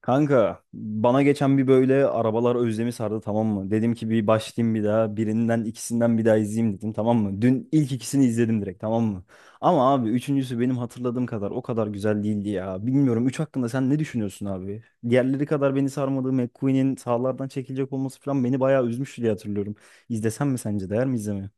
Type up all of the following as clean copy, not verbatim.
Kanka bana geçen bir böyle arabalar özlemi sardı, tamam mı? Dedim ki bir başlayayım, bir daha birinden ikisinden bir daha izleyeyim dedim, tamam mı? Dün ilk ikisini izledim direkt, tamam mı? Ama abi üçüncüsü benim hatırladığım kadar o kadar güzel değildi ya. Bilmiyorum, üç hakkında sen ne düşünüyorsun abi? Diğerleri kadar beni sarmadığı, McQueen'in sahalardan çekilecek olması falan beni bayağı üzmüştü diye hatırlıyorum. İzlesem mi, sence değer mi izlemeye?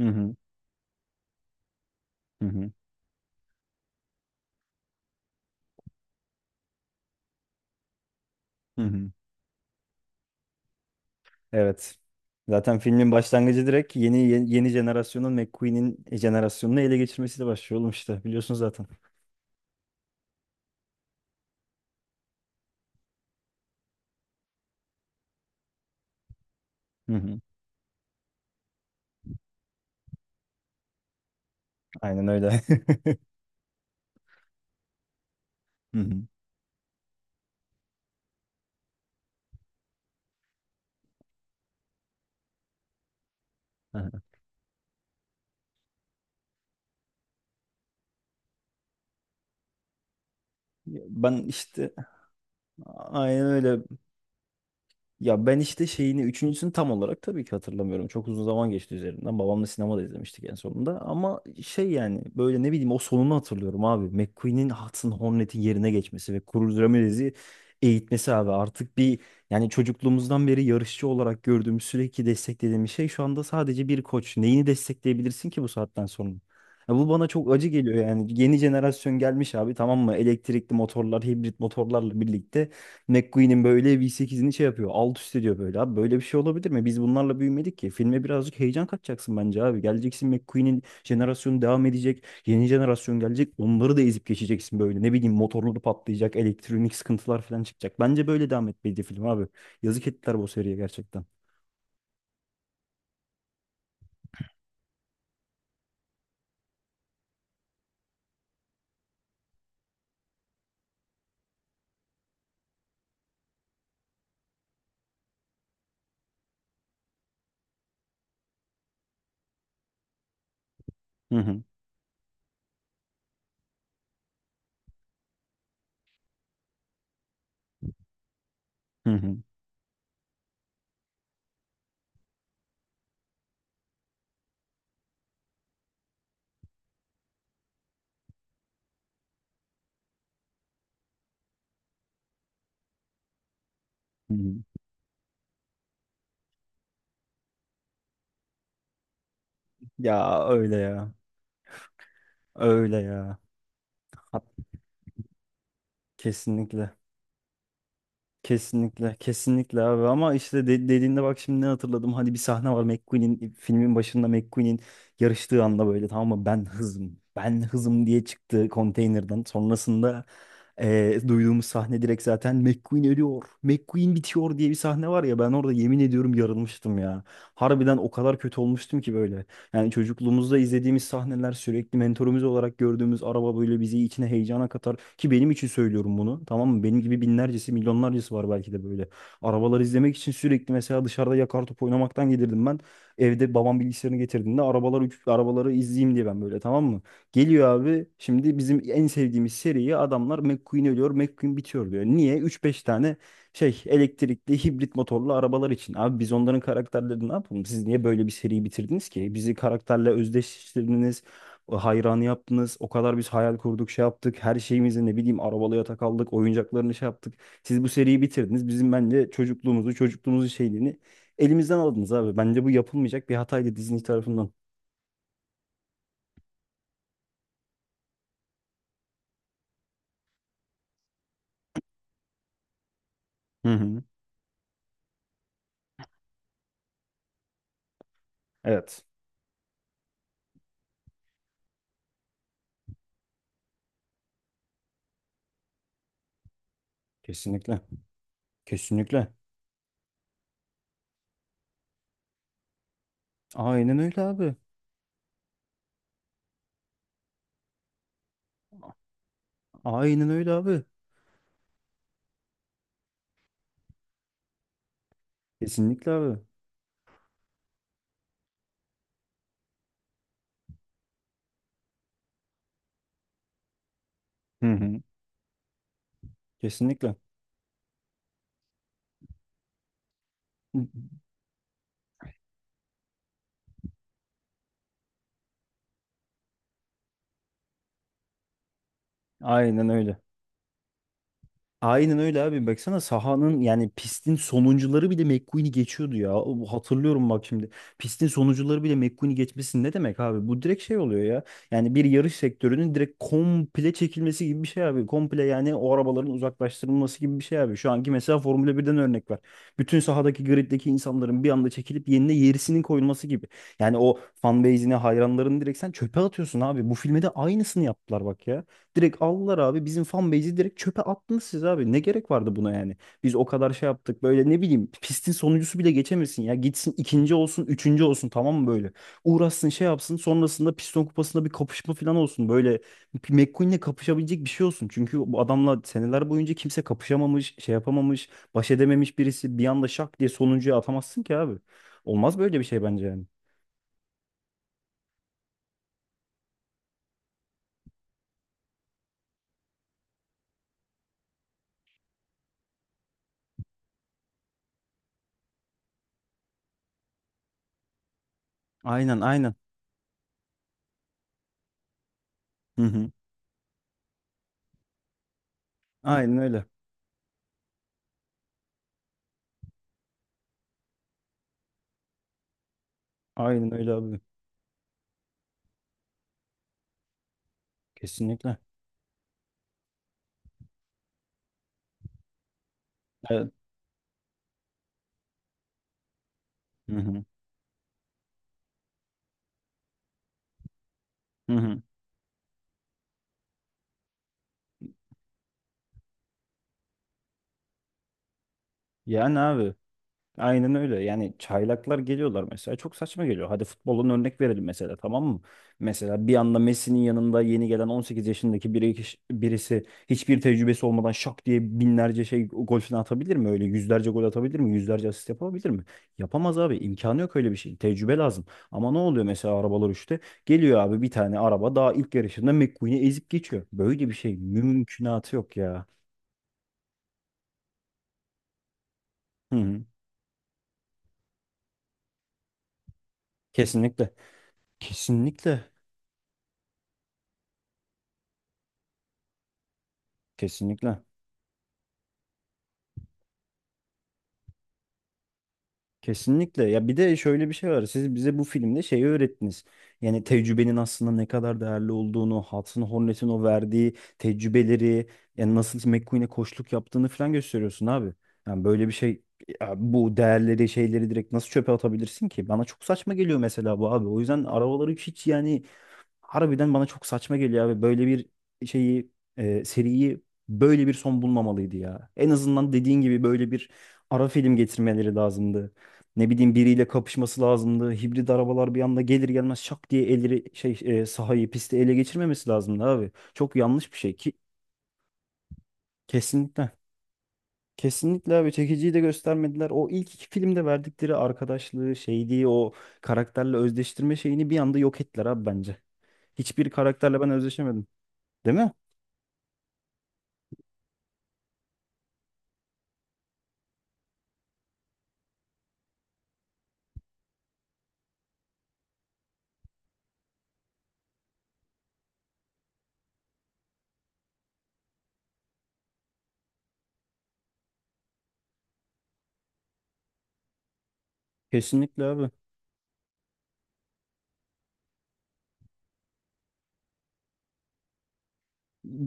Hı hı, hı hı. Hı hı. Evet. Zaten filmin başlangıcı direkt yeni yeni, yeni jenerasyonun McQueen'in jenerasyonunu ele geçirmesiyle başlıyor oğlum, işte biliyorsun zaten. Hı hı. Aynen öyle. Hı hı. Aha. Ben işte aynen öyle. Ya ben işte şeyini üçüncüsünü tam olarak tabii ki hatırlamıyorum. Çok uzun zaman geçti üzerinden. Babamla sinemada izlemiştik en sonunda. Ama şey yani böyle ne bileyim o sonunu hatırlıyorum abi. McQueen'in Hudson Hornet'in yerine geçmesi ve Cruz Ramirez'i eğitmesi abi. Artık bir, yani çocukluğumuzdan beri yarışçı olarak gördüğümüz, sürekli desteklediğimiz şey şu anda sadece bir koç. Neyini destekleyebilirsin ki bu saatten sonra? Ya bu bana çok acı geliyor yani. Yeni jenerasyon gelmiş abi, tamam mı? Elektrikli motorlar, hibrit motorlarla birlikte McQueen'in böyle V8'ini şey yapıyor. Alt üst ediyor böyle. Abi böyle bir şey olabilir mi? Biz bunlarla büyümedik ki. Filme birazcık heyecan katacaksın bence abi. Geleceksin, McQueen'in jenerasyonu devam edecek. Yeni jenerasyon gelecek. Onları da ezip geçeceksin böyle. Ne bileyim motorları patlayacak. Elektronik sıkıntılar falan çıkacak. Bence böyle devam etmeliydi film abi. Yazık ettiler bu seriye gerçekten. Hı hı. Hı hı. Hı hı. Ya öyle ya. Öyle ya. Ha- Kesinlikle. Kesinlikle, kesinlikle abi, ama işte dediğinde bak şimdi ne hatırladım. Hani bir sahne var, McQueen'in filmin başında, McQueen'in yarıştığı anda böyle, tamam mı, ben hızım, ben hızım diye çıktı konteynerden. Sonrasında duyduğumuz sahne direkt, zaten McQueen ölüyor, McQueen bitiyor diye bir sahne var ya, ben orada yemin ediyorum yarılmıştım ya. Harbiden o kadar kötü olmuştum ki böyle. Yani çocukluğumuzda izlediğimiz sahneler, sürekli mentorumuz olarak gördüğümüz araba böyle bizi içine, heyecana katar. Ki benim için söylüyorum bunu, tamam mı? Benim gibi binlercesi, milyonlarcası var belki de böyle. Arabaları izlemek için sürekli mesela, dışarıda yakar top oynamaktan gelirdim ben. Evde babam bilgisayarını getirdiğinde arabaları izleyeyim diye ben böyle, tamam mı? Geliyor abi, şimdi bizim en sevdiğimiz seriye adamlar McQueen ölüyor, McQueen bitiyor diyor. Niye? Üç beş tane şey, elektrikli hibrit motorlu arabalar için. Abi biz onların karakterlerini ne yapalım? Siz niye böyle bir seriyi bitirdiniz ki? Bizi karakterle özdeşleştirdiniz. Hayranı yaptınız. O kadar biz hayal kurduk, şey yaptık. Her şeyimizi, ne bileyim, arabalı yatak aldık. Oyuncaklarını şey yaptık. Siz bu seriyi bitirdiniz. Bizim bence çocukluğumuzu, çocukluğumuzun şeyliğini elimizden aldınız abi. Bence bu yapılmayacak bir hataydı Disney tarafından. Hı hı. Evet. Kesinlikle. Kesinlikle. Aynen öyle abi. Aynen öyle abi. Kesinlikle abi. Hı hı. Kesinlikle. Aynen öyle. Aynen öyle abi. Baksana sahanın, yani pistin sonuncuları bile McQueen'i geçiyordu ya. Hatırlıyorum bak şimdi. Pistin sonuncuları bile McQueen'i geçmesi ne demek abi? Bu direkt şey oluyor ya. Yani bir yarış sektörünün direkt komple çekilmesi gibi bir şey abi. Komple, yani o arabaların uzaklaştırılması gibi bir şey abi. Şu anki mesela Formula 1'den örnek var. Bütün sahadaki, griddeki insanların bir anda çekilip yerine yerisinin koyulması gibi. Yani o fan base'ine, hayranlarını direkt sen çöpe atıyorsun abi. Bu filme de aynısını yaptılar bak ya. Direkt aldılar abi. Bizim fan base'i direkt çöpe attınız siz abi. Ne gerek vardı buna yani? Biz o kadar şey yaptık. Böyle ne bileyim, pistin sonuncusu bile geçemesin ya. Gitsin ikinci olsun, üçüncü olsun tamam mı böyle? Uğraşsın şey yapsın. Sonrasında piston kupasında bir kapışma falan olsun. Böyle McQueen'le kapışabilecek bir şey olsun. Çünkü bu adamla seneler boyunca kimse kapışamamış, şey yapamamış, baş edememiş birisi. Bir anda şak diye sonuncuya atamazsın ki abi. Olmaz böyle bir şey bence yani. Aynen, aynen. Hı hı. Aynen öyle. Aynen öyle abi. Kesinlikle. Evet. Hı hı. Hı hı. Yani abi aynen öyle. Yani çaylaklar geliyorlar mesela. Çok saçma geliyor. Hadi futbolun örnek verelim mesela, tamam mı? Mesela bir anda Messi'nin yanında yeni gelen 18 yaşındaki birisi hiçbir tecrübesi olmadan şak diye binlerce şey gol falan atabilir mi? Öyle yüzlerce gol atabilir mi? Yüzlerce asist yapabilir mi? Yapamaz abi. İmkanı yok öyle bir şey. Tecrübe lazım. Ama ne oluyor mesela arabalar işte? Geliyor abi, bir tane araba daha ilk yarışında McQueen'i ezip geçiyor. Böyle bir şey mümkünatı yok ya. Hı hı. Kesinlikle. Kesinlikle. Kesinlikle. Kesinlikle. Ya bir de şöyle bir şey var. Siz bize bu filmde şeyi öğrettiniz. Yani tecrübenin aslında ne kadar değerli olduğunu, Hudson Hornet'in o verdiği tecrübeleri, yani nasıl McQueen'e koçluk yaptığını falan gösteriyorsun abi. Yani böyle bir şey, ya bu değerleri, şeyleri direkt nasıl çöpe atabilirsin ki? Bana çok saçma geliyor mesela bu abi. O yüzden arabaları hiç, yani harbiden bana çok saçma geliyor abi. Böyle bir şeyi, seriyi böyle bir son bulmamalıydı ya. En azından dediğin gibi böyle bir ara film getirmeleri lazımdı. Ne bileyim biriyle kapışması lazımdı. Hibrit arabalar bir anda gelir gelmez şak diye elleri şey, sahayı, pisti ele geçirmemesi lazımdı abi. Çok yanlış bir şey ki kesinlikle. Kesinlikle abi, çekiciyi de göstermediler. O ilk iki filmde verdikleri arkadaşlığı şeydi, o karakterle özdeştirme şeyini bir anda yok ettiler abi bence. Hiçbir karakterle ben özdeşemedim. Değil mi? Kesinlikle abi.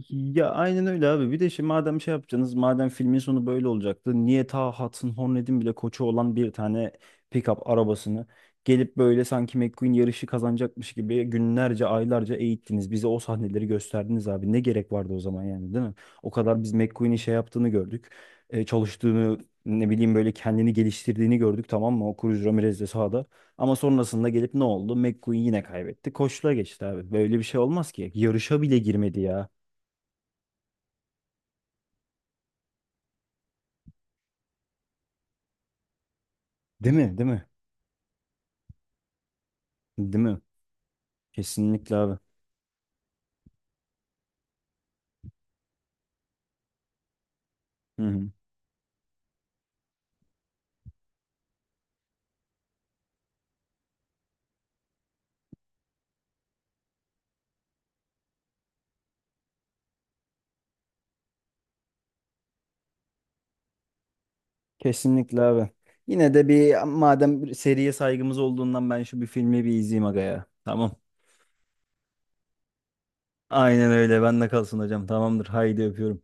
Ya aynen öyle abi. Bir de şimdi madem şey yapacaksınız, madem filmin sonu böyle olacaktı, niye ta Hudson Hornet'in bile koçu olan bir tane pickup arabasını gelip böyle sanki McQueen yarışı kazanacakmış gibi günlerce, aylarca eğittiniz. Bize o sahneleri gösterdiniz abi. Ne gerek vardı o zaman yani, değil mi? O kadar biz McQueen'in şey yaptığını gördük. Çalıştığını, ne bileyim böyle kendini geliştirdiğini gördük, tamam mı? O Cruz Ramirez de sahada. Ama sonrasında gelip ne oldu? McQueen yine kaybetti. Koçluğa geçti abi. Böyle bir şey olmaz ki. Yarışa bile girmedi ya. Değil mi? Değil mi? Değil mi? Kesinlikle abi. Hı hı. Kesinlikle abi. Yine de, bir madem bir seriye saygımız olduğundan, ben şu bir filmi bir izleyeyim aga ya. Tamam. Aynen öyle. Bende kalsın hocam. Tamamdır. Haydi öpüyorum.